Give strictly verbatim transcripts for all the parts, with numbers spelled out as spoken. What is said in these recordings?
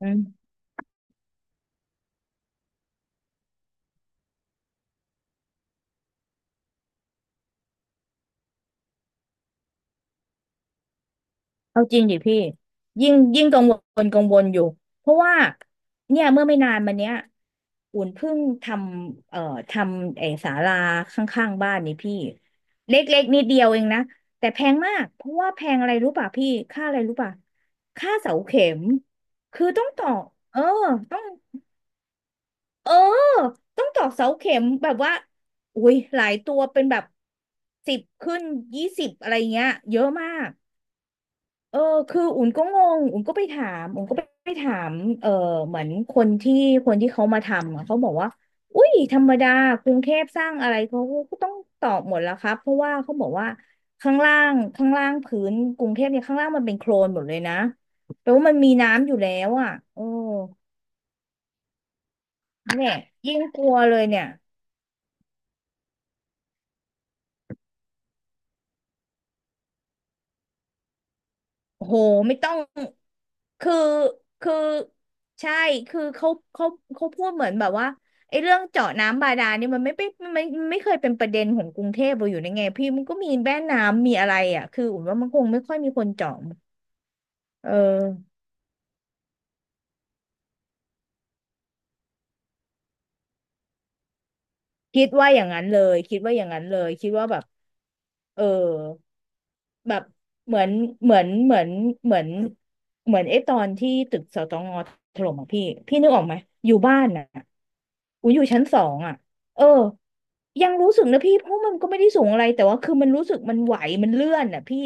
อืมเอาจริงดิพี่ยิ่งยิ่งกังวลกังวลอยู่เพราะว่าเนี่ยเมื่อไม่นานมาเนี้ยอุ่นเพิ่งทำเอ่อทำไอ้ศาลาข้างๆบ้านนี่พี่เล็กๆนิดเดียวเองนะแต่แพงมากเพราะว่าแพงอะไรรู้ป่ะพี่ค่าอะไรรู้ป่ะค่าเสาเข็มคือต้องต่อเออต้องเออต้องต่อเสาเข็มแบบว่าอุ้ยหลายตัวเป็นแบบสิบขึ้นยี่สิบอะไรเงี้ยเยอะมาก เออคืออุ่นก็งงอุ่นก็ไปถามอุ่นก็ไปถามเออเหมือนคนที่คนที่เขามาทำอะเขาบอกว่าอุ้ยธรรมดากรุงเทพสร้างอะไรเขาก็ต้องตอบหมดแล้วครับเพราะว่าเขาบอกว่าข้างล่างข้างล่างพื้นกรุงเทพเนี่ยข้างล่างมันเป็นโคลนหมดเลยนะแปลว่ามันมีน้ำอยู่แล้วอ่ะโอ้เนี่ยยิ่งกลัวเลยเนี่ย โอ้โหไม่ต้องคือคือใช่คือเขาเขาเขาพูดเหมือนแบบว่าไอ้เรื่องเจาะน้ำบาดาลนี่มันไม่เป็นมันไม่มันไม่เคยเป็นประเด็นของกรุงเทพเราอยู่ในไงพี่มันก็มีแม่น้ำมีอะไรอ่ะคืออุ่นว่ามันคงไม่ค่อยมีคนเจาะเออคิดว่าอย่างนั้นเลยคิดว่าอย่างนั้นเลยคิดว่าแบบเออ แบบเหมือนเหมือนเหมือนเหมือนเหมือนไอ้ตอนที่ตึกสตงถล่มอ่ะพี่พี่นึกออกไหมอยู่บ้านน่ะอูอยู่ชั้นสองอ่ะเออยังรู้สึกนะพี่เพราะมันก็ไม่ได้สูงอะไรแต่ว่าคือมันรู้สึกมันไหวมันเลื่อนอ่ะพี่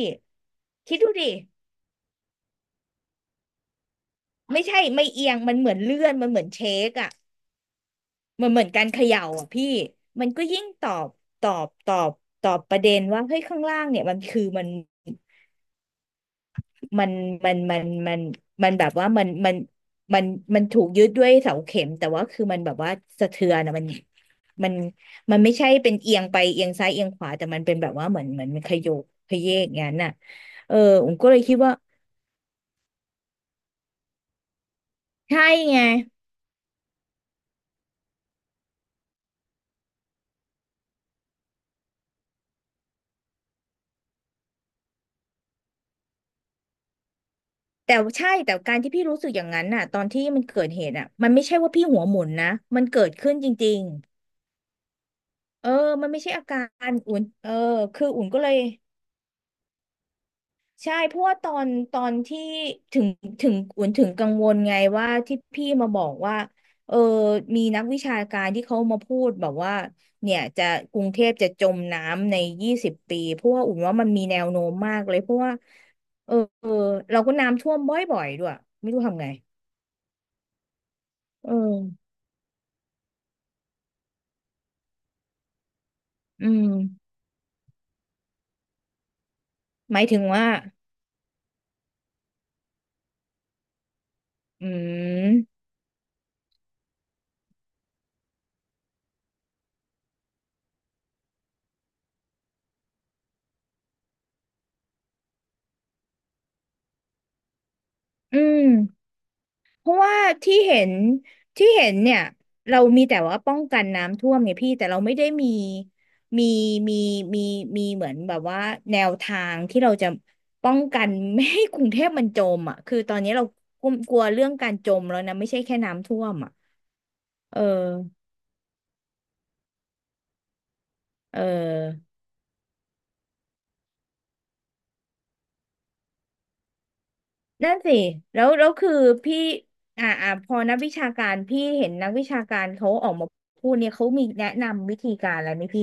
คิดดูดิไม่ใช่ไม่เอียงมันเหมือนเลื่อนมันเหมือนเชคอ่ะมันเหมือนการเขย่าอ่ะพี่มันก็ยิ่งตอบตอบตอบตอบประเด็นว่าเฮ้ยข้างล่างเนี่ยมันคือมัน มันมันมันมันมันแบบว่ามันมันมันมันถูกยึดด้วยเสาเข็มแต่ว่าคือมันแบบว่าสะเทือนอะมันมันมันไม่ใช่เป็นเอียงไปเอียงซ้ายเอียงขวาแต่มันเป็นแบบว่าเหมือนเหมือนมันขยกขยเยกอย่างนั้นน่ะเออผมก็เลยคิดว่าใช่ไงแต่ใช่แต่การที่พี่รู้สึกอย่างนั้นน่ะตอนที่มันเกิดเหตุอ่ะมันไม่ใช่ว่าพี่หัวหมุนนะมันเกิดขึ้นจริงๆเออมันไม่ใช่อาการอุ่นเออคืออุ่นก็เลย ใช่เพราะว่าตอนตอนที่ถึงถึงกวนถึงกังวลไงว่าที่พี่มาบอกว่าเออมีนักวิชาการที่เขามาพูดแบบว่าเนี่ยจะกรุงเทพจะจมน้ำในยี่สิบปีเพราะว่าอุ่นว่ามันมีแนวโน้มมากเลยเพราะว่าเออเออเราก็น้ำท่วมบ่อยๆด้วยไม่รู้ทำไงเอออืมหมายถึงว่าอืมอืม เพราะว่าที่เห็นที่เห็นเนี่ยเรามีแต่ว่าป้องกันน้ำท่วมไงพี่แต่เราไม่ได้มีมีมีมีมีเหมือนแบบว่าแนวทางที่เราจะป้องกันไม่ให้กรุงเทพมันจมอ่ะคือตอนนี้เรากลัวกลัวเรื่องการจมแล้วนะไม่ใช่แค่น้ำท่วมอ่ะเออเออนั่นสิแล้วแล้วคือพี่อ่าอ่าพอนักวิชาการพี่เห็นนักวิชาการเขาออกมาพูดเนี่ยเขามีแนะนำวิธีการอะไรไหมพี่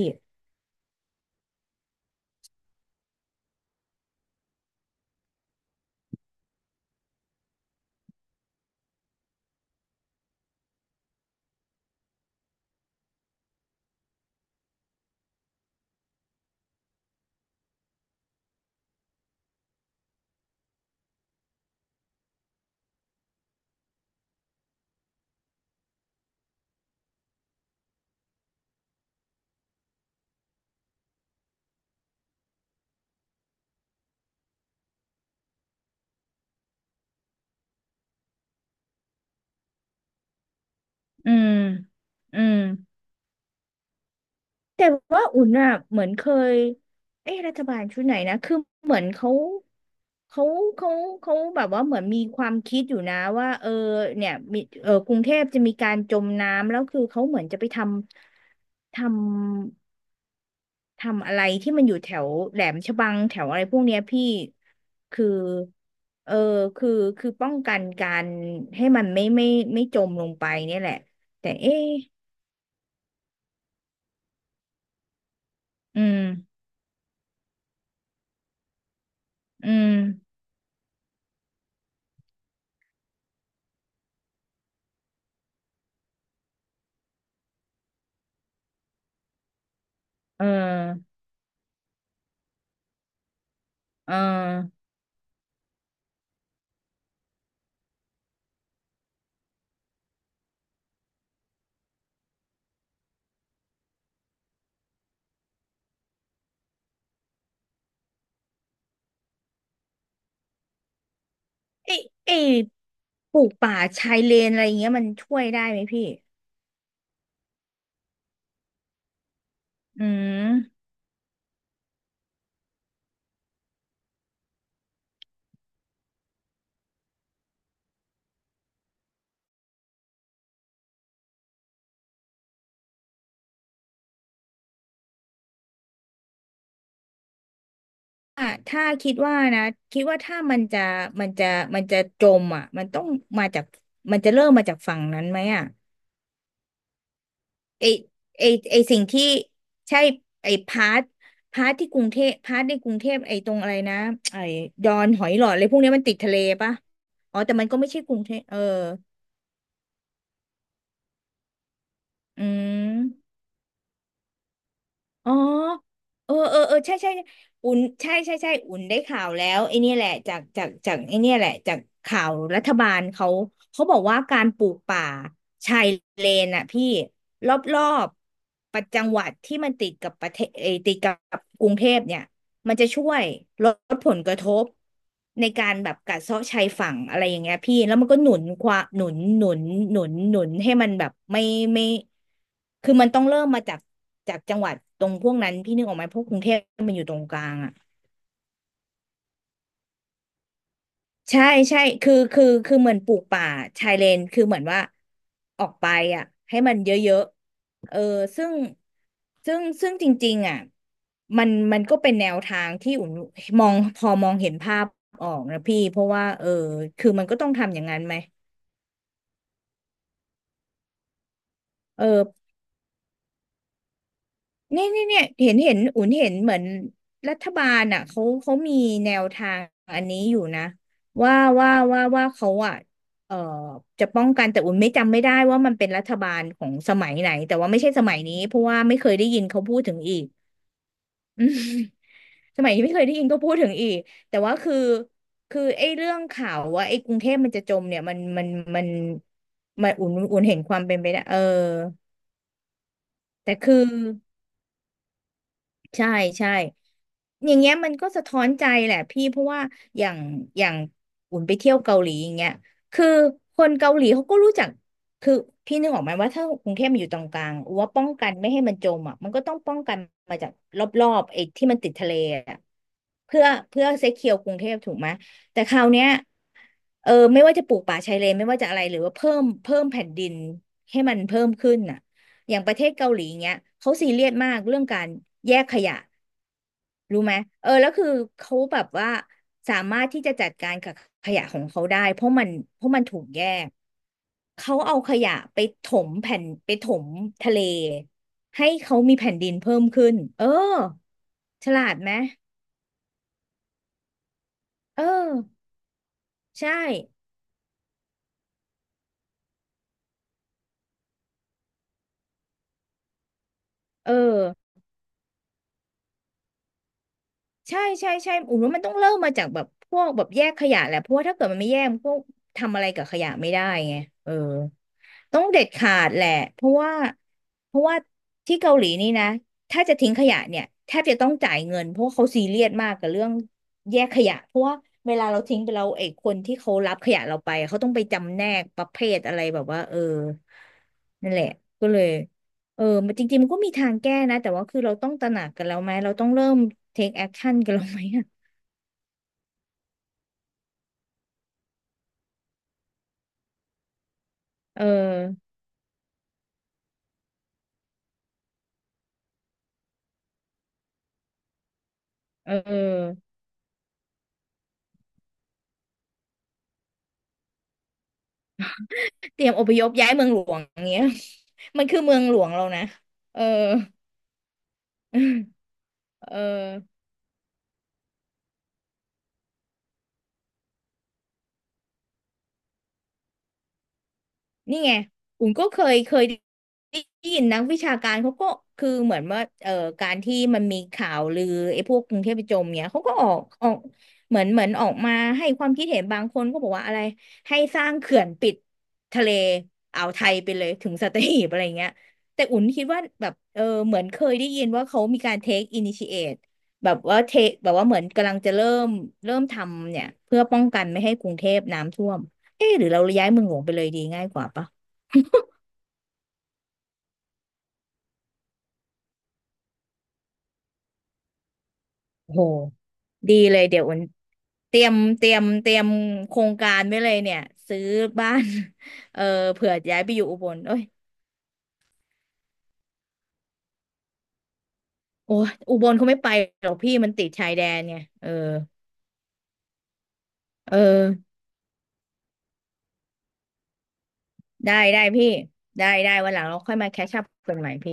อืมอืม แต่ว่าอุ่นอ่ะเหมือนเคยเอ๊ะรัฐบาลชุดไหนนะคือเหมือนเขาเขาเขาเขาแบบว่าเหมือนมีความคิดอยู่นะว่าเออเนี่ยมีเออกรุงเทพจะมีการจมน้ำแล้วคือเขาเหมือนจะไปทำทำทำอะไรที่มันอยู่แถวแหลมฉบังแถวอะไรพวกเนี้ยพี่คือเออคือคือป้องกันการให้มันไม่ไม่ไม่จมลงไปเนี่ยแหละแต่เอ๊ะอืมอืมเออเออ เอ้ยเอ้ยปลูกป่าชายเลนอะไรอย่างเงี้ยมันช่วยได้ไหมพี่อืมอ่ะถ้าคิดว่านะคิดว่าถ้ามันจะมันจะมันจะจมอ่ะมันต้องมาจากมันจะเริ่มมาจากฝั่งนั้นไหมอ่ะไอไอไอสิ่งที่ใช่ไอพาร์ทพาร์ทที่กรุงเทพพาร์ทในกรุงเทพไอตรงอะไรนะไอดอนหอยหลอดอะไรพวกเนี้ยมันติดทะเลปะอ๋อแต่มันก็ไม่ใช่กรุงเทพเอออืม อ๋อเออเออเออใช่ใช่ใช่อุ่นใช่ใช่ใช่อุ่นได้ข่าวแล้วไอ้เนี่ยแหละจากจากจากไอ้เนี่ยแหละจากข่าวรัฐบาลเขาเขาบอกว่าการปลูกป่าชายเลนอ่ะพี่รอบรอบประจังหวัดที่มันติดกับประเทศเอยติดกับกรุงเทพเนี่ย มันจะช่วยลดผลกระทบในการแบบกัดเซาะชายฝั่งอะไรอย่างเงี้ยพี่แล้วมันก็หนุนความหนุนหนุนหนุนหนุนให้มันแบบไม่ไม่คือมันต้องเริ่มมาจากจากจังหวัดตรงพวกนั้นพี่นึกออกไหมพวกกรุงเทพมันอยู่ตรงกลางอะ ใช่ใช่คือคือคือเหมือนปลูกป่าชายเลนคือเหมือนว่าออกไปอ่ะให้มันเยอะๆเออซึ่งซึ่งซึ่งจริงๆอ่ะมันมันก็เป็นแนวทางที่อุ่นมองพอมองเห็นภาพออกนะพี่เพราะว่าเออคือมันก็ต้องทำอย่างนั้นไหมเออ เนี่ยเนี่ยเนี่ยเห็นเห็นอุ่นเห็นเหมือนรัฐบาลอ่ะเขาเขามีแนวทางอันนี้อยู่นะว่าว่าว่าว่าเขาอ่ะเอ่อจะป้องกันแต่อุ่นไม่จำไม่ได้ว่ามันเป็นรัฐบาลของสมัยไหนแต่ว่าไม่ใช่สมัยนี้เพราะว่าไม่เคยได้ยินเขาพูดถึงอีก อืมสมัยนี้ไม่เคยได้ยินก็พูดถึงอีกแต่ว่าคือคือไอ้เรื่องข่าวว่าไอ้กรุงเทพมันจะจมเนี่ยมันมันมันมันอุ่นอุ่นเห็นความเป็นไปได้เออแต่คือ ใช่ใช่ อย่างเงี้ยมันก็สะท้อนใจแหละพี่เพราะว่าอย่างอย่างอุ่นไปเที่ยวเกาหลีอย่างเงี้ยคือคนเกาหลีเขาก็รู้จักคือพี่นึกออกไหมว่าถ้ากรุงเทพมันอยู่ตรงกลางว่าป้องกันไม่ให้มันจมอ่ะมันก็ต้องป้องกันมาจากรอบๆไอ้ที่มันติดทะเลอ่ะเพื่อเพื่อเซเคียวกรุงเทพถูกไหมแต่คราวเนี้ยเออไม่ว่าจะปลูกป่าชายเลนไม่ว่าจะอะไรหรือว่าเพิ่มเพิ่มแผ่นดินให้มันเพิ่มขึ้นอ่ะ อย่างประเทศเกาหลีเงี้ยเขาซีเรียสมากเรื่องการแยกขยะรู้ไหมเออแล้วคือเขาแบบว่าสามารถที่จะจัดการกับขยะของเขาได้เพราะมันเพราะมันถูกแยกเขาเอาขยะไปถมแผ่นไปถมทะเลให้เขามีแผ่นดินเพิ่มขึ้นเออฉลาดไหมเออใช่เออใช่ใช่ใช่อุ๋มว่ามันต้องเริ่มมาจากแบบพวกแบบแยกขยะแหละเพราะว่าถ้าเกิดมันไม่แยกมันก็ทำอะไรกับขยะไม่ได้ไงเออ ต้องเด็ดขาดแหละ เพราะว่าเพราะว่าที่เกาหลีนี่นะ ถ้าจะทิ้งขยะเนี่ยแทบจะต้องจ่ายเงินเพราะว่าเขาซีเรียสมากกับเรื่องแยกขยะเพราะว่าเวลาเราทิ้งไปแล้ไอ้คนที่เขารับขยะเราไปเขาต้องไปจำแนกประเภทอะไรแบบว่าเออนั่นแหละก็เลยเออมันจริงๆมันก็มีทางแก้นะแต่ว่าคือเราต้องตระหนักกันแล้วไหมเราต้องเริ่ม take action กันแล้วไหมอะเออเออเตรียมอพยพย้ายเมืองหลวงอย่างเงี้ย มันคือเมืองหลวงเรานะเออ เออนี่ไงอุ่นก็เคยเคยได้ยินนักวิชาการเขาก็คือเหมือนว่าเออการที่มันมีข่าวลือไอ้พวกกรุงเทพจมเนี่ยเขาก็ออกออกเหมือนเหมือนออกมาให้ความคิดเห็นบางคนก็บอกว่าอะไรให้สร้างเขื่อนปิดทะเลอ่าวไทยไปเลยถึงสัตหีบอะไรเงี้ยแต่อุ่นคิดว่าแบบเออเหมือนเคยได้ยินว่าเขามีการ take initiate แบบว่าเทแบบว่าเหมือนกำลังจะเริ่มเริ่มทำเนี่ยเพื่อป้องกันไม่ให้กรุงเทพน้ำท่วม เอ๊ะหรือเราย้ายเมืองหลวงไปเลยดีง่ายกว่าปะโอ้หดีเลยเดี๋ยวอุ่นเตรียมเตรียมเตรียมโครงการไว้เลยเนี่ยซื้อบ้าน เออเผื่อย้ายไปอยู่อุบลเอ้ยโอ้ยอุบลเขาไม่ไปหรอกพี่มันติดชายแดนไงเออเออได้ได้พี่ได้ได้วันหลังเราค่อยมาแคชอัพกันใหม่พี่